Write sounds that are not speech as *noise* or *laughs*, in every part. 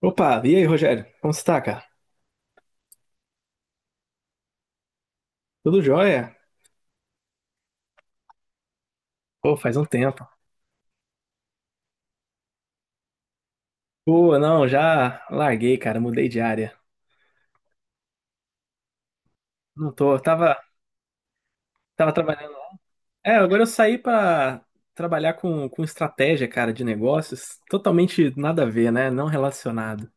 Opa, e aí, Rogério? Como você tá, cara? Tudo jóia? Pô, faz um tempo. Pô, não, já larguei, cara, mudei de área. Não tô, tava, tava trabalhando. É, agora eu saí pra trabalhar com estratégia, cara, de negócios. Totalmente nada a ver, né? Não relacionado.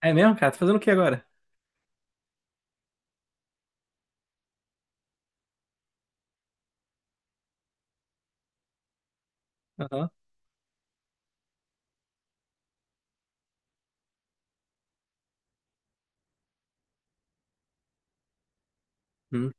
É mesmo, cara? Tá fazendo o que agora? Aham, hum,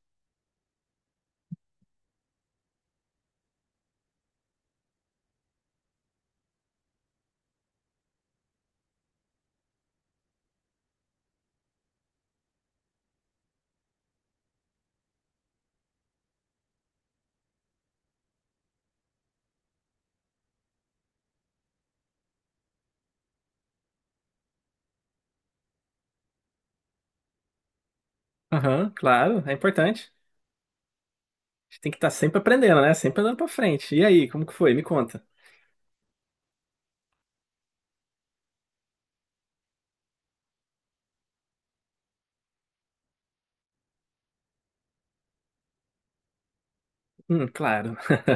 aham, claro, é importante. A gente tem que estar sempre aprendendo, né? Sempre andando pra frente. E aí, como que foi? Me conta. Claro. *laughs*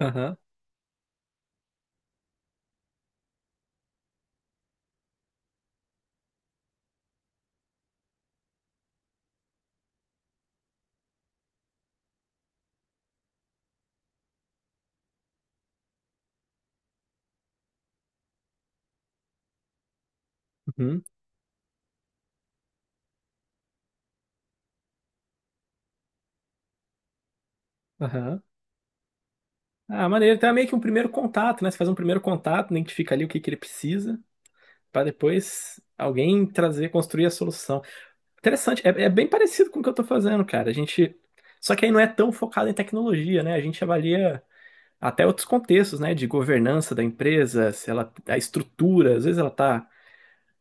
Aham, uhum, aham. Ah, maneiro. Então é meio que um primeiro contato, né? Você faz um primeiro contato, identifica ali o que que ele precisa, para depois alguém trazer, construir a solução. Interessante. É, é bem parecido com o que eu tô fazendo, cara. A gente. Só que aí não é tão focado em tecnologia, né? A gente avalia até outros contextos, né? De governança da empresa, se ela, a estrutura. Às vezes ela tá.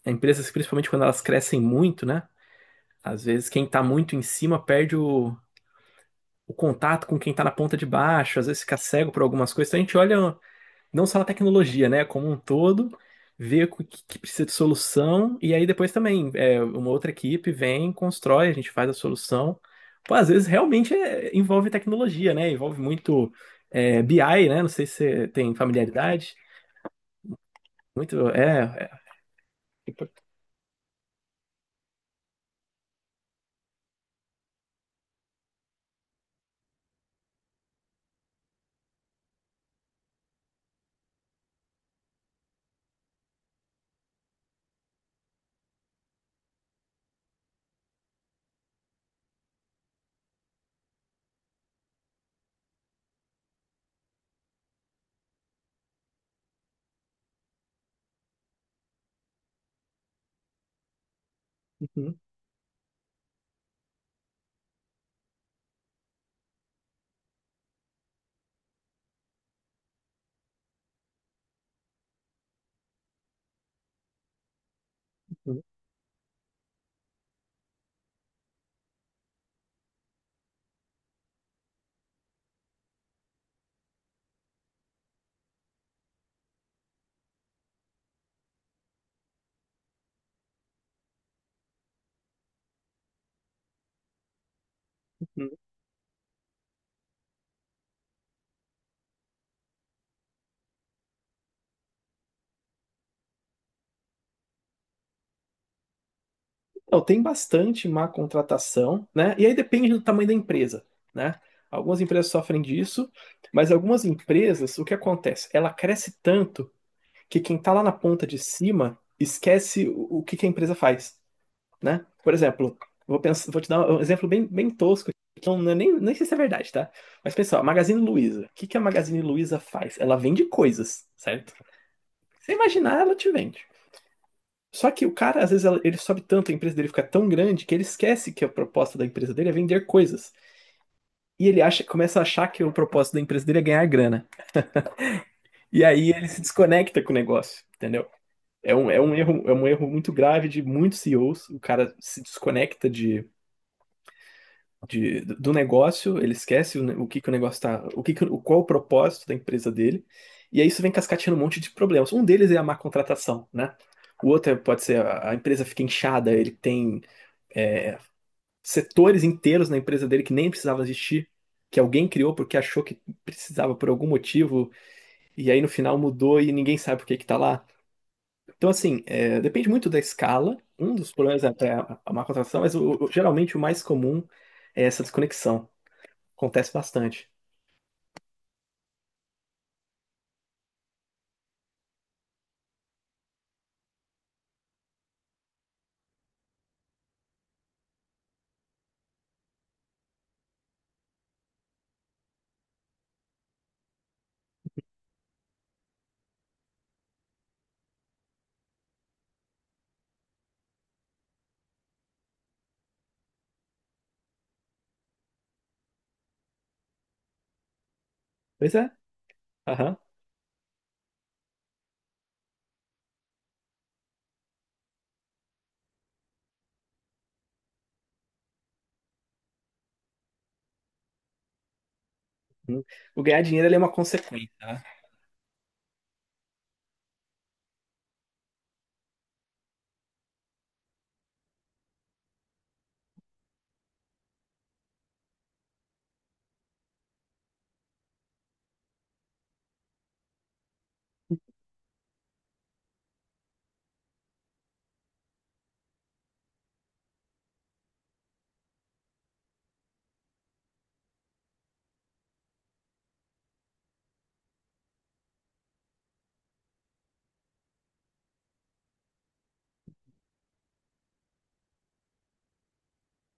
Empresas, principalmente quando elas crescem muito, né? Às vezes quem tá muito em cima perde o contato com quem tá na ponta de baixo, às vezes fica cego por algumas coisas. Então a gente olha. Não só na tecnologia, né, como um todo, ver o que, que precisa de solução, e aí depois também é, uma outra equipe vem, constrói, a gente faz a solução. Pô, às vezes realmente é- envolve tecnologia, né? Envolve muito BI, né? Não sei se você tem familiaridade. Muito, é, é- Uhum, uhum, uhum. Então, tem bastante má contratação, né? E aí depende do tamanho da empresa, né? Algumas empresas sofrem disso, mas algumas empresas, o que acontece? Ela cresce tanto que quem está lá na ponta de cima esquece o que, que a empresa faz, né? Por exemplo, vou, pensar, vou te dar um exemplo bem, bem tosco, que eu não- é nem, nem sei se é verdade, tá? Mas pessoal, a Magazine Luiza. O que, que a Magazine Luiza faz? Ela vende coisas, certo? Você imaginar, ela te vende. Só que o cara, às vezes, ele sobe tanto, a empresa dele fica tão grande que ele esquece que a proposta da empresa dele é vender coisas. E ele acha, começa a achar que o propósito da empresa dele é ganhar grana. E aí ele se desconecta com o negócio, entendeu? É um erro muito grave de muitos CEOs. O cara se desconecta de, do negócio, ele esquece o, ne- o que que o negócio tá, o que que, o- qual o propósito da empresa dele. E aí isso vem cascateando um monte de problemas. Um deles é a má contratação, né? O outro é- pode ser a empresa fica inchada, ele tem é, setores inteiros na empresa dele que nem precisava existir, que alguém criou porque achou que precisava por algum motivo, e aí no final mudou e ninguém sabe por que que tá lá. Então, assim, é, depende muito da escala. Um dos problemas é até a má contratação, mas o- geralmente o mais comum é essa desconexão. Acontece bastante. Pois é. Aham. Hum. O ganhar dinheiro ele é uma consequência, né?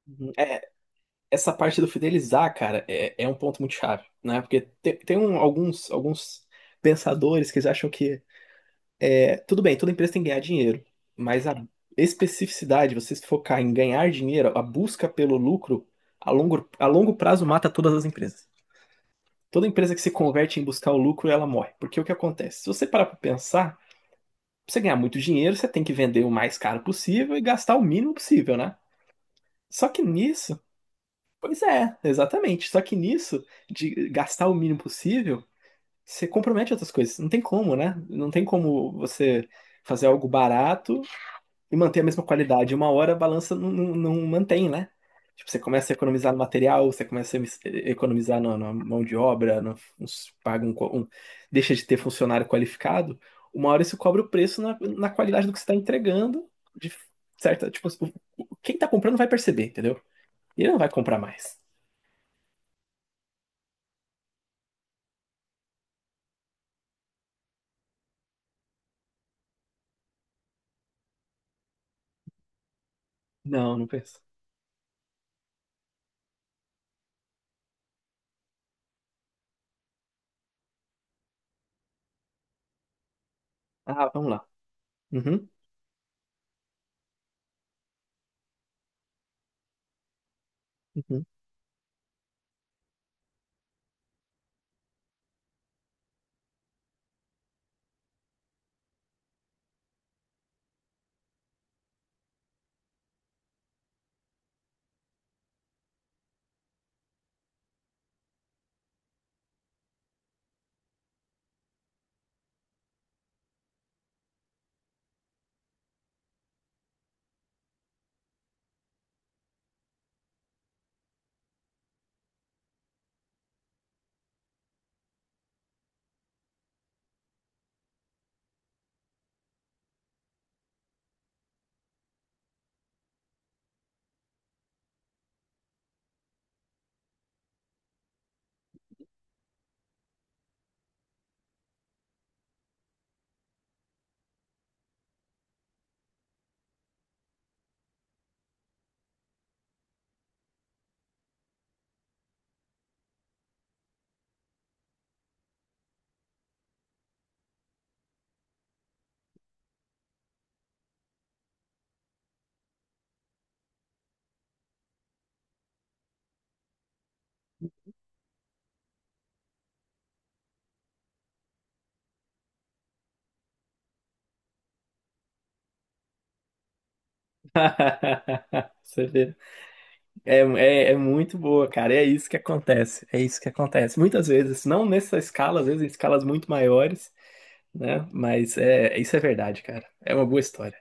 Uhum. É, essa parte do fidelizar, cara, é um ponto muito chave, né? Porque tem, tem um- alguns, alguns pensadores que eles acham que é, tudo bem, toda empresa tem que ganhar dinheiro, mas a especificidade, você se focar em ganhar dinheiro, a busca pelo lucro, a longo prazo mata todas as empresas. Toda empresa que se converte em buscar o lucro, ela morre. Porque o que acontece? Se você parar para pensar, pra você ganhar muito dinheiro, você tem que vender o mais caro possível e gastar o mínimo possível, né? Só que nisso, pois é, exatamente. Só que nisso, de gastar o mínimo possível, você compromete outras coisas. Não tem como, né? Não tem como você fazer algo barato e manter a mesma qualidade. Uma hora a balança não mantém, né? Tipo, você começa a economizar no material, você começa a emis- economizar na mão de obra, no, uns- paga um, co- um- deixa de ter funcionário qualificado. Uma hora isso cobra o preço na qualidade do que você está entregando, de certa, tipo, o- quem está comprando vai perceber, entendeu? E ele não vai comprar mais. Não, não penso. Ah, vamos lá. Uhum, uhum. *laughs* Você vê, né? É, é, é muito boa, cara. É isso que acontece. É isso que acontece. Muitas vezes, não nessa escala, às vezes em escalas muito maiores, né? Mas é, isso é verdade, cara. É uma boa história.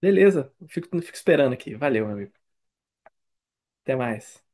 Beleza, fico, fico esperando aqui. Valeu, meu amigo. Até mais.